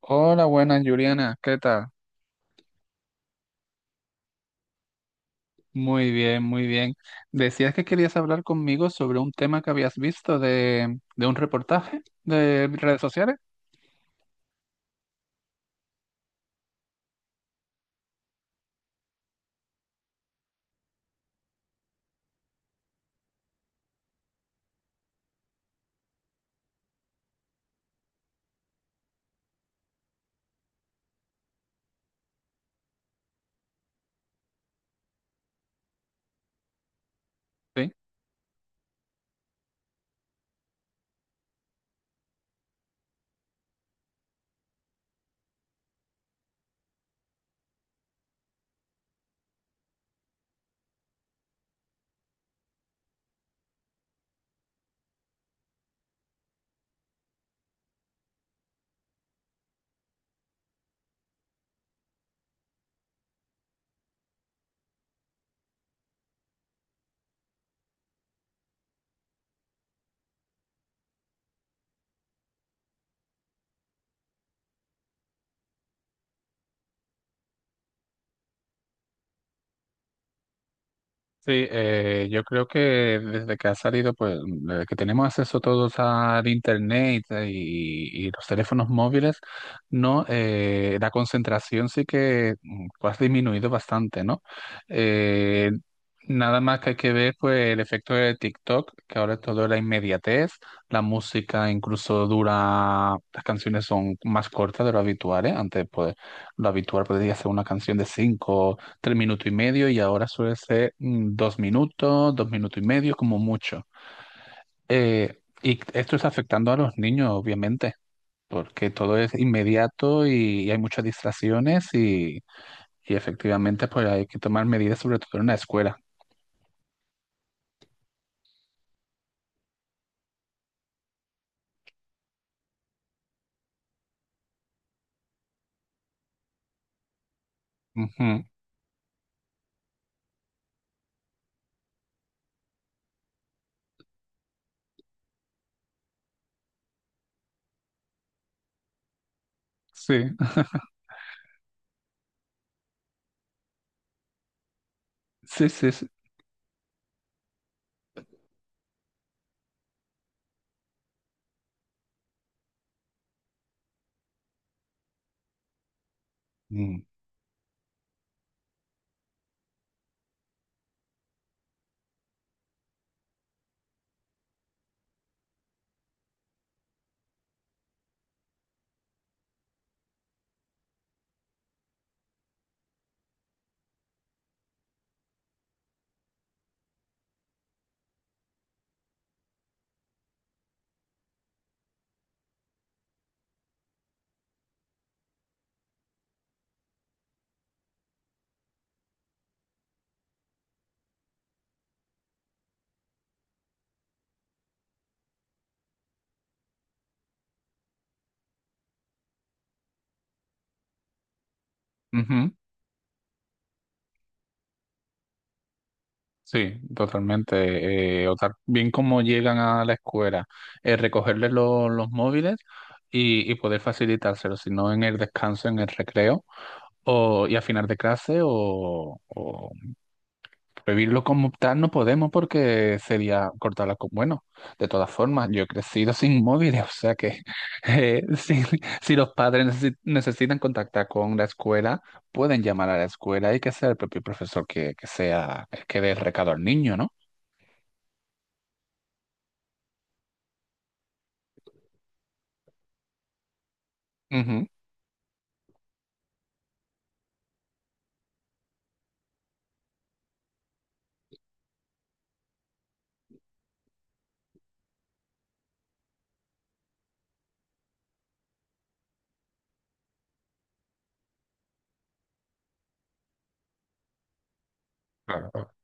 Hola, buenas, Juliana. ¿Qué tal? Muy bien, muy bien. Decías que querías hablar conmigo sobre un tema que habías visto de un reportaje de redes sociales. Sí. Sí, yo creo que desde que ha salido, pues, desde que tenemos acceso todos al internet y los teléfonos móviles, no, la concentración sí que pues, ha disminuido bastante, ¿no? Eh, nada más que hay que ver, pues, el efecto de TikTok, que ahora todo es la inmediatez, la música incluso dura, las canciones son más cortas de lo habitual, ¿eh? Antes, pues, lo habitual podría ser una canción de cinco 3 minutos y medio, y ahora suele ser 2 minutos, 2 minutos y medio como mucho. Y esto está afectando a los niños, obviamente, porque todo es inmediato y hay muchas distracciones y efectivamente pues hay que tomar medidas sobre todo en la escuela. Ujú. Sí, sí, sí, sí. Mm. Ujú. Sí, totalmente. Bien como llegan a la escuela, recogerles los móviles y poder facilitárselos si no en el descanso, en el recreo. O, y afinar de clase, o prohibirlo como tal no podemos porque sería cortarla con... Bueno, de todas formas, yo he crecido sin móviles, o sea que si, si los padres necesitan contactar con la escuela, pueden llamar a la escuela y que sea el propio profesor que sea el que dé el recado al niño, ¿no? Ujú, claro.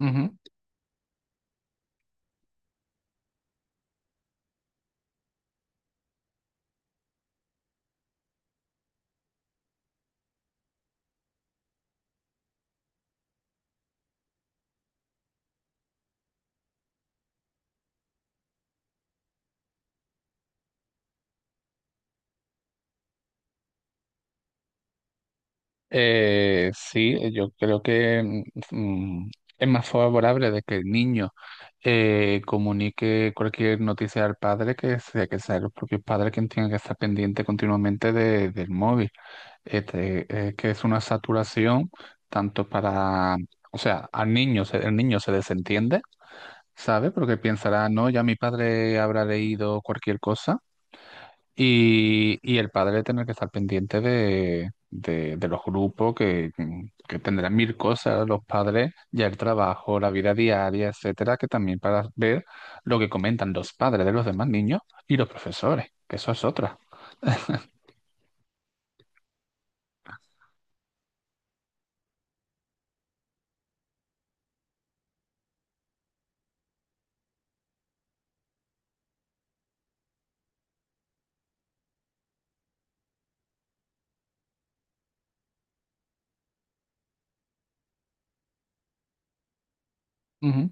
Ujú. Sí, yo creo que mm, mm, es más favorable de que el niño comunique cualquier noticia al padre, que sea, que sea el propio padre quien tenga que estar pendiente continuamente del móvil. Este, que es una saturación tanto para, o sea, al niño, el niño se desentiende, ¿sabe? Porque pensará, no, ya mi padre habrá leído cualquier cosa, y el padre tener que estar pendiente de los grupos que tendrán mil cosas los padres, ya el trabajo, la vida diaria, etcétera, que también para ver lo que comentan los padres de los demás niños y los profesores, que eso es otra. Ujú.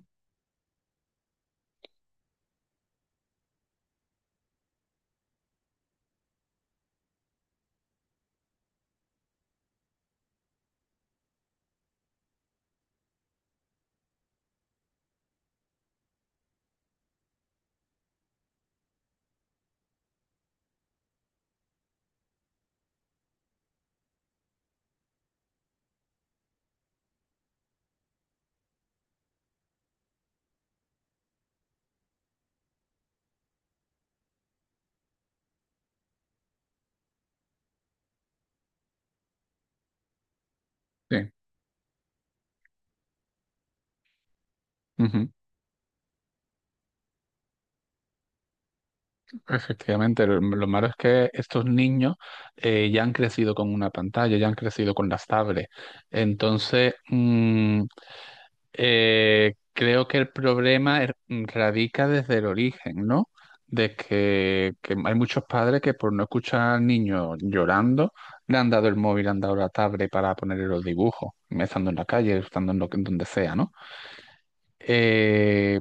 Sí, ujú. Efectivamente, lo malo es que estos niños ya han crecido con una pantalla, ya han crecido con las tablets. Entonces, creo que el problema radica desde el origen, ¿no? De que hay muchos padres que por no escuchar al niño llorando, le han dado el móvil, le han dado la tablet para ponerle los dibujos, estando en la calle, estando en en donde sea, ¿no? Eh,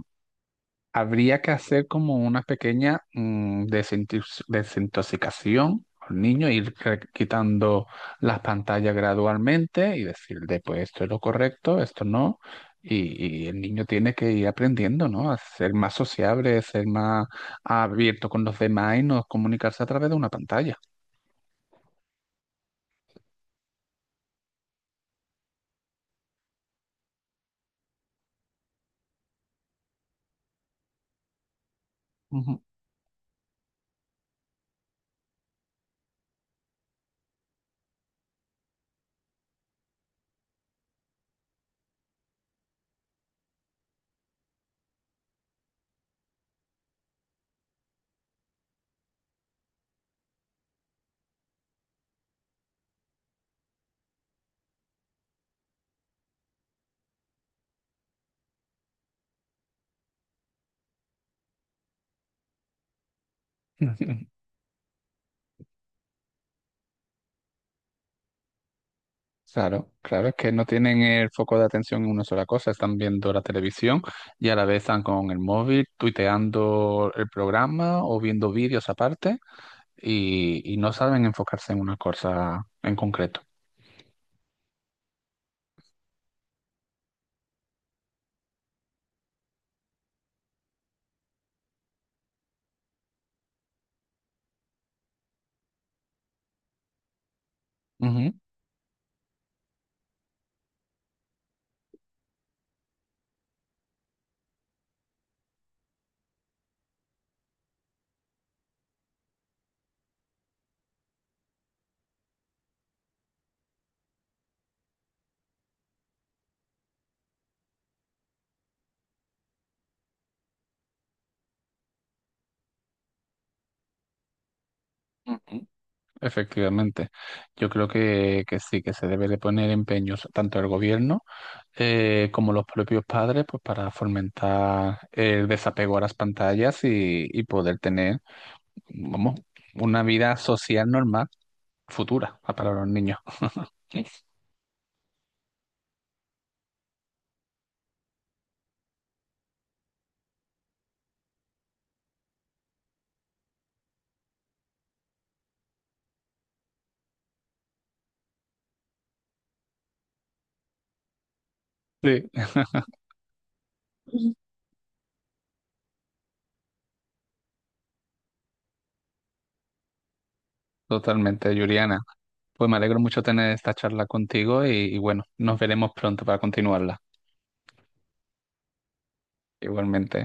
habría que hacer como una pequeña desintoxicación al niño, quitando las pantallas gradualmente y decirle, pues esto es lo correcto, esto no. Y el niño tiene que ir aprendiendo, ¿no? A ser más sociable, ser más abierto con los demás y no comunicarse a través de una pantalla. Ujú. Claro, claro, es que no tienen el foco de atención en una sola cosa, están viendo la televisión y a la vez están con el móvil, tuiteando el programa o viendo vídeos aparte, y no saben enfocarse en una cosa en concreto. Ujú, ujú. Efectivamente, yo creo que sí, que se debe de poner empeños tanto el gobierno como los propios padres, pues para fomentar el desapego a las pantallas y poder tener, vamos, una vida social normal futura, para los niños. Sí, totalmente, Yuriana. Pues me alegro mucho tener esta charla contigo y bueno, nos veremos pronto para continuarla. Igualmente.